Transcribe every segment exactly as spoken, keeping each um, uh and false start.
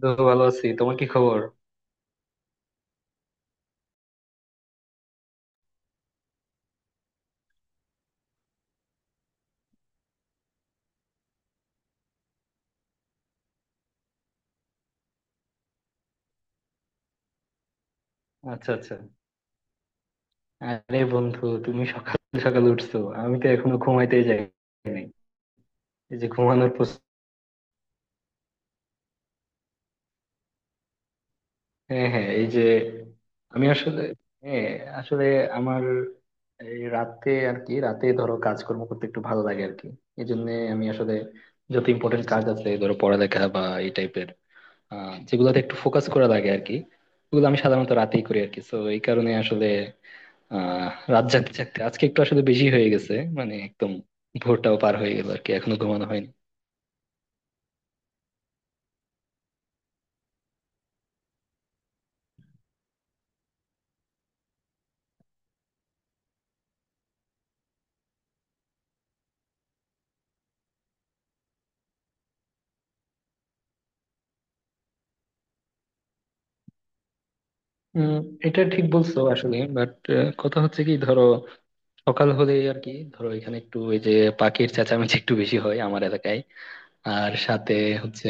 তো ভালো আছি, তোমার কি খবর? আচ্ছা, আচ্ছা। আরে বন্ধু, তুমি সকাল সকাল উঠছো? আমি তো এখনো ঘুমাইতেই যাই নাই। এই যে ঘুমানোর প্রস- হ্যাঁ, হ্যাঁ, এই যে আমি আসলে, হ্যাঁ, আসলে আমার, এই রাতে আর কি, রাতে ধরো কাজকর্ম করতে একটু ভালো লাগে আর কি। এই জন্য আমি আসলে, যত ইম্পর্টেন্ট কাজ আছে ধরো পড়ালেখা বা এই টাইপের, আহ যেগুলোতে একটু ফোকাস করা লাগে আর কি। ওগুলো আমি সাধারণত রাতেই করি আর কি। তো এই কারণে আসলে আহ রাত জাগতে জাগতে আজকে একটু আসলে বেশি হয়ে গেছে, মানে একদম ভোরটাও পার হয়ে গেল আর কি, এখনো ঘুমানো হয়নি। উম, এটা ঠিক বলছো আসলে, বাট কথা হচ্ছে কি ধরো, সকাল হলেই আর কি ধরো এখানে একটু ওই যে পাখির চেঁচামেচি একটু বেশি হয় আমার এলাকায়। আর সাথে হচ্ছে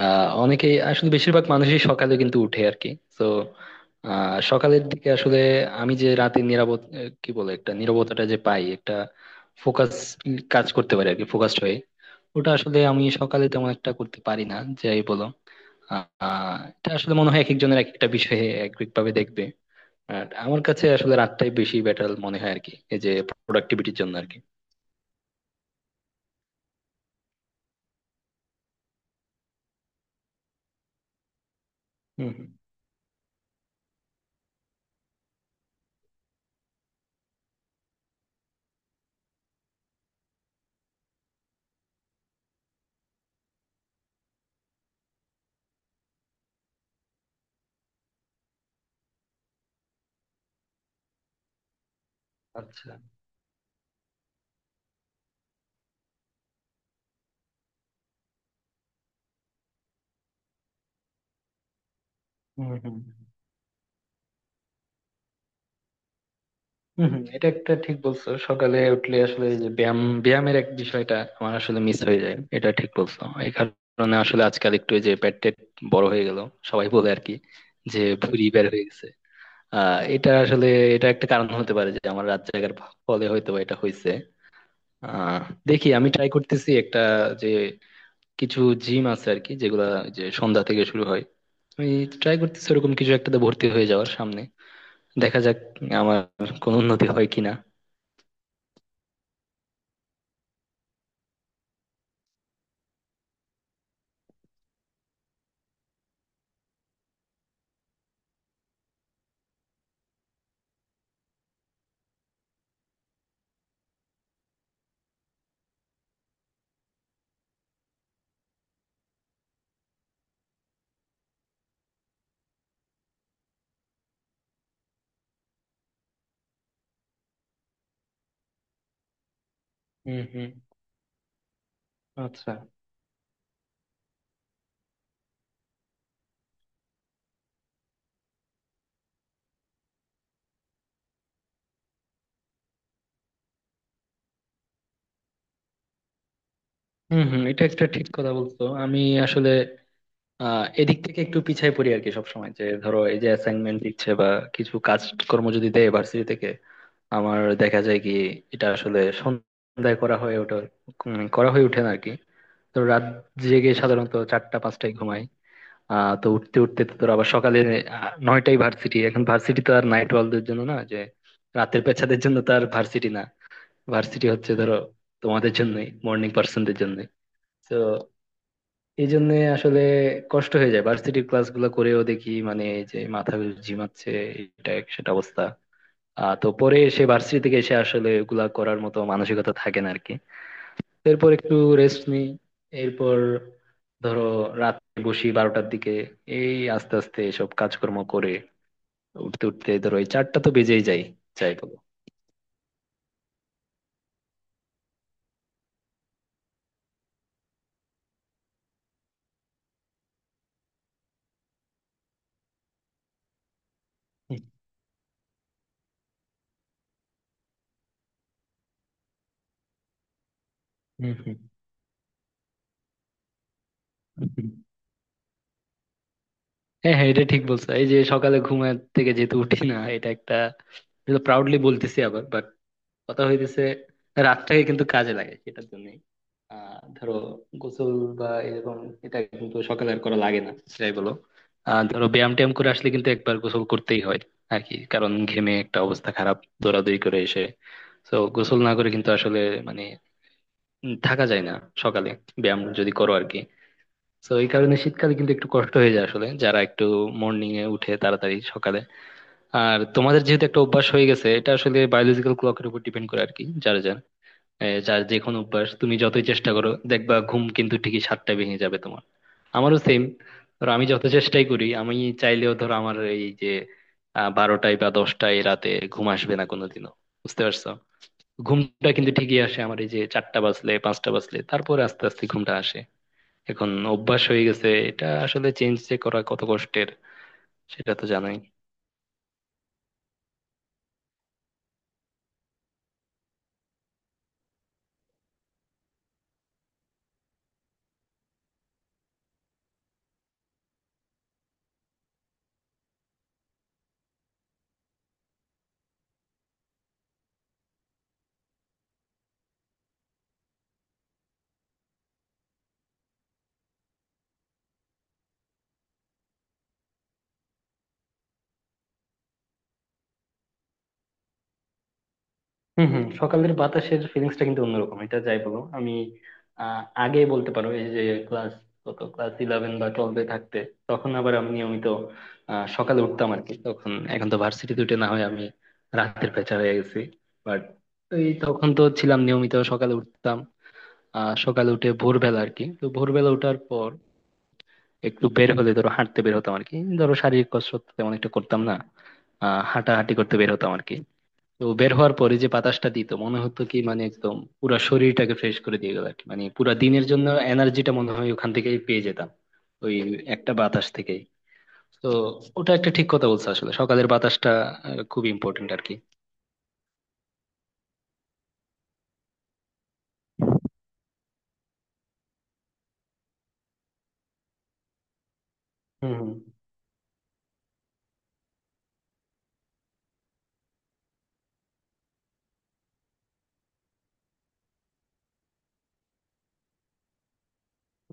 আহ অনেকেই আসলে, বেশিরভাগ মানুষই সকালে কিন্তু উঠে আর কি। তো আহ সকালের দিকে আসলে আমি যে রাতে নিরাপদ, আহ, কি বলে, একটা নীরবতাটা যে পাই, একটা ফোকাস কাজ করতে পারি আর কি ফোকাসড হয়ে। ওটা আসলে আমি সকালে তেমন একটা করতে পারি না, যাই বলো। আহ এটা আসলে মনে হয় এক একজনের এক একটা বিষয়ে এক এক ভাবে দেখবে। আর আমার কাছে আসলে রাতটাই বেশি বেটার মনে হয় আর কি, এই যে প্রোডাক্টিভিটির জন্য আর কি। হম হম। আচ্ছা। হুম হুম। হুম হুম, এটা একটা ঠিক বলছো। সকালে উঠলে আসলে এই যে ব্যায়াম ব্যায়ামের এক বিষয়টা আমার আসলে মিস হয়ে যায়, এটা ঠিক বলছো। এই কারণে আসলে আজকাল একটু এই যে পেট টেট বড় হয়ে গেল, সবাই বলে আর কি, যে ভুঁড়ি বের হয়ে গেছে। আহ এটা আসলে, এটা একটা কারণ হতে পারে যে আমার রাত জাগার ফলে হয়তো বা এটা হয়েছে। আহ দেখি আমি ট্রাই করতেছি, একটা যে কিছু জিম আছে আর কি যেগুলা যে সন্ধ্যা থেকে শুরু হয়, আমি ট্রাই করতেছি ওরকম কিছু একটাতে ভর্তি হয়ে যাওয়ার সামনে। দেখা যাক আমার কোনো উন্নতি হয় কিনা। হুম হুম। আচ্ছা। হম হম, এটা একটা ঠিক কথা বলছো। আমি আসলে আহ এদিক থেকে একটু পিছায় পড়ি আর কি, সবসময় যে ধরো এই যে অ্যাসাইনমেন্ট দিচ্ছে বা কিছু কাজ কর্ম যদি দেয় ভার্সিটি থেকে, আমার দেখা যায় কি, এটা আসলে সন্ধ্যায় করা হয় ওটা। উম, করা হয়ে ওঠে না আর কি। তো রাত জেগে সাধারণত চারটা পাঁচটায় ঘুমাই। আহ তো উঠতে উঠতে তো তোর আবার সকালে আহ, নয়টায় ভার্সিটি। এখন ভার্সিটি তো আর নাইট ওয়ালদের জন্য না যে, রাতের পেছাদের জন্য তো আর ভার্সিটি না। ভার্সিটি হচ্ছে ধরো তোমাদের জন্যই, মর্নিং পার্সনদের জন্যই। তো এই জন্য আসলে কষ্ট হয়ে যায়, ভার্সিটির ক্লাস গুলো করেও দেখি, মানে এই যে মাথা ঘুরে ঝিমাচ্ছে, এটা এক সেটা অবস্থা। আহ তো পরে এসে ভার্সিটি থেকে এসে আসলে ওগুলা করার মতো মানসিকতা থাকে না আরকি। তো এরপর একটু রেস্ট নিই, এরপর ধরো রাতে বসি বারোটার দিকে, এই আস্তে আস্তে এসব কাজকর্ম করে উঠতে উঠতে ধরো এই চারটা তো বেজেই যায়, যাই বলো। হুম হুম। হুম। হ্যাঁ, হ্যাঁ, এটা ঠিক বলছো। এই যে সকালে ঘুমের থেকে যেহেতু উঠি না, এটা একটা, প্রাউডলি বলতেছি আবার, কথা হইতেছে, রাতটাকে কিন্তু কাজে লাগে সেটার জন্য। আহ ধরো গোসল বা এরকম, এটা কিন্তু সকালে আর করা লাগে না, সেটাই বলো। আহ ধরো ব্যায়াম ট্যায়াম করে আসলে কিন্তু একবার গোসল করতেই হয় আর কি, কারণ ঘেমে একটা অবস্থা খারাপ, দৌড়াদৌড়ি করে এসে, তো গোসল না করে কিন্তু আসলে মানে উম থাকা যায় না সকালে, ব্যায়াম যদি করো আর কি। তো এই কারণে শীতকালে কিন্তু একটু কষ্ট হয়ে যায় আসলে, যারা একটু মর্নিং এ উঠে তাড়াতাড়ি সকালে। আর তোমাদের যেহেতু একটা অভ্যাস হয়ে গেছে, এটা আসলে বায়োলজিক্যাল ক্লকের উপর ডিপেন্ড করে আর কি যার যার, এ, যার যে কোনো অভ্যাস, তুমি যতই চেষ্টা করো দেখবা ঘুম কিন্তু ঠিকই সাতটায় ভেঙে যাবে তোমার। আমারও সেম। ধরো আমি যত চেষ্টাই করি, আমি চাইলেও ধরো আমার এই যে আহ, বারোটায় বা দশটায় রাতে ঘুম আসবে না কোনোদিনও, বুঝতে পারছো? ঘুমটা কিন্তু ঠিকই আসে আমার এই যে চারটা বাজলে পাঁচটা বাজলে, তারপরে আস্তে আস্তে ঘুমটা আসে। এখন অভ্যাস হয়ে গেছে, এটা আসলে চেঞ্জ যে করা কত কষ্টের সেটা তো জানোই। হম হম, সকালের বাতাসের ফিলিংসটা কিন্তু অন্যরকম, এটা যাই বলো। আমি আহ, আগে বলতে পারো এই যে ক্লাস কত ক্লাস ইলেভেন বা টুয়েলভে থাকতে, তখন আবার আমি নিয়মিত আহ, সকালে উঠতাম আর কি তখন, এখন তো ভার্সিটিতে উঠে না হয় আমি রাতের পেঁচা হয়ে গেছি। বাট এই তখন তো ছিলাম নিয়মিত সকালে উঠতাম। আহ সকালে উঠে ভোরবেলা আর কি, তো ভোরবেলা ওঠার পর একটু বের হলে ধরো হাঁটতে বের হতাম আর কি, ধরো শারীরিক কসরত তেমন একটা করতাম না, আহ হাঁটাহাঁটি করতে বের হতাম আর কি। তো বের হওয়ার পরে যে বাতাসটা দিত, মনে হতো কি মানে একদম পুরা শরীরটাকে ফ্রেশ করে দিয়ে গেল আর কি। মানে পুরা দিনের জন্য এনার্জিটা মনে হয় ওখান থেকেই পেয়ে যেতাম, ওই একটা বাতাস থেকেই। তো ওটা একটা ঠিক কথা বলছো আসলে, সকালের বাতাসটা আহ, খুব ইম্পর্টেন্ট আর কি। হুম হুম।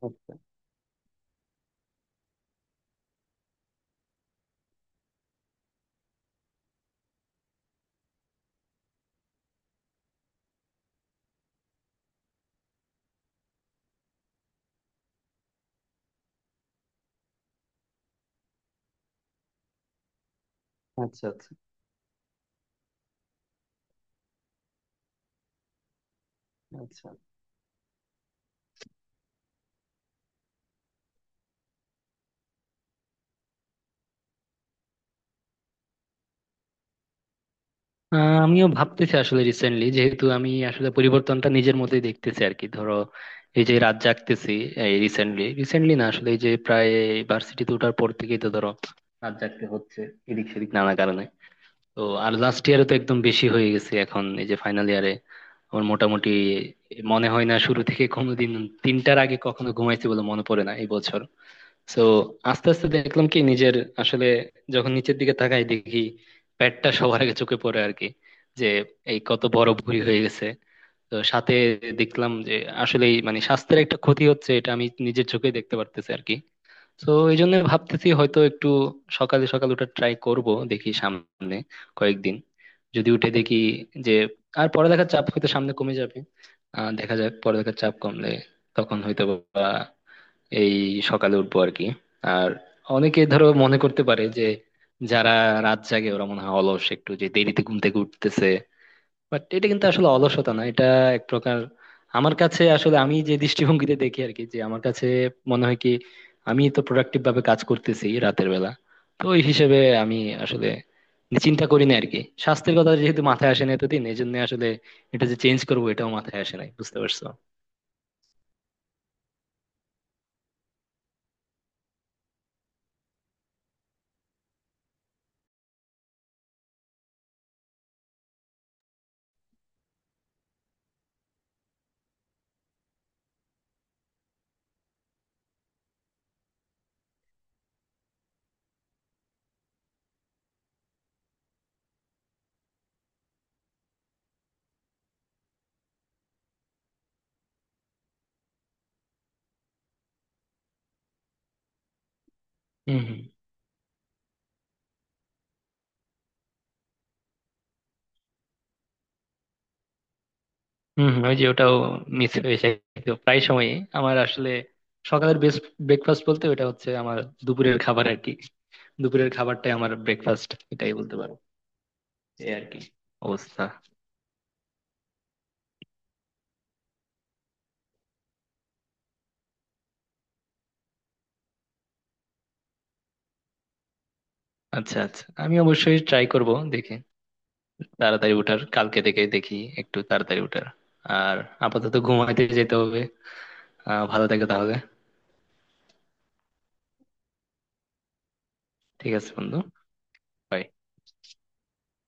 আচ্ছা, আচ্ছা। আচ্ছা, আচ্ছা। আহ, আমিও ভাবতেছি আসলে, রিসেন্টলি যেহেতু আমি আসলে পরিবর্তনটা নিজের মধ্যেই দেখতেছি আর কি ধরো, এই যে রাত জাগতেছি, এই রিসেন্টলি রিসেন্টলি না আসলে, এই যে প্রায় ভার্সিটিতে ওঠার পর থেকেই তো ধরো রাত জাগতে হচ্ছে এদিক সেদিক নানা কারণে। তো আর লাস্ট ইয়ারে তো একদম বেশি হয়ে গেছে, এখন এই যে ফাইনাল ইয়ারে আমার মোটামুটি মনে হয় না শুরু থেকে কোনোদিন তিনটার আগে কখনো ঘুমাইছি বলে মনে পড়ে না এই বছর। সো আস্তে আস্তে দেখলাম কি নিজের, আসলে যখন নিচের দিকে তাকাই দেখি পেটটা সবার আগে চোখে পড়ে আর কি, যে এই কত বড় ভুঁড়ি হয়ে গেছে। তো সাথে দেখলাম যে আসলে মানে স্বাস্থ্যের একটা ক্ষতি হচ্ছে, এটা আমি নিজের চোখে দেখতে পারতেছি আর কি। তো এই জন্য ভাবতেছি হয়তো একটু সকালে সকাল ওটা ট্রাই করব, দেখি সামনে কয়েকদিন, যদি উঠে দেখি যে, আর পড়ালেখার চাপ হয়তো সামনে কমে যাবে। আহ দেখা যাক, পড়ালেখার চাপ কমলে তখন হয়তো বা এই সকালে উঠবো আর কি। আর অনেকে ধরো মনে করতে পারে যে যারা রাত জাগে ওরা মনে হয় অলস, একটু যে দেরিতে ঘুম থেকে উঠতেছে। বাট এটা কিন্তু আসলে অলসতা না, এটা এক প্রকার। আমার কাছে আসলে, আমি যে দৃষ্টিভঙ্গিতে দেখি আর কি, যে আমার কাছে মনে হয় কি, আমি তো প্রোডাক্টিভ ভাবে কাজ করতেছি রাতের বেলা। তো ওই হিসেবে আমি আসলে চিন্তা করি না আর কি, স্বাস্থ্যের কথা যেহেতু মাথায় আসে না এতদিন, এই জন্য আসলে এটা যে চেঞ্জ করবো এটাও মাথায় আসে নাই, বুঝতে পারছো? হম হম, হম, ওই যে ওটাও মিস হয়ে যায় তো প্রায় সময়। আমার আসলে সকালের বেস্ট ব্রেকফাস্ট বলতে ওটা হচ্ছে আমার দুপুরের খাবার আর কি। দুপুরের খাবারটাই আমার ব্রেকফাস্ট, এটাই বলতে পারো। এই আর কি অবস্থা। আচ্ছা, আচ্ছা, আমি অবশ্যই ট্রাই করব দেখে, তাড়াতাড়ি ওঠার, কালকে থেকে দেখি একটু তাড়াতাড়ি ওঠার। আর আপাতত ঘুমাইতে যেতে হবে। আহ ভালো থাকো তাহলে। ঠিক আছে বন্ধু। Bye.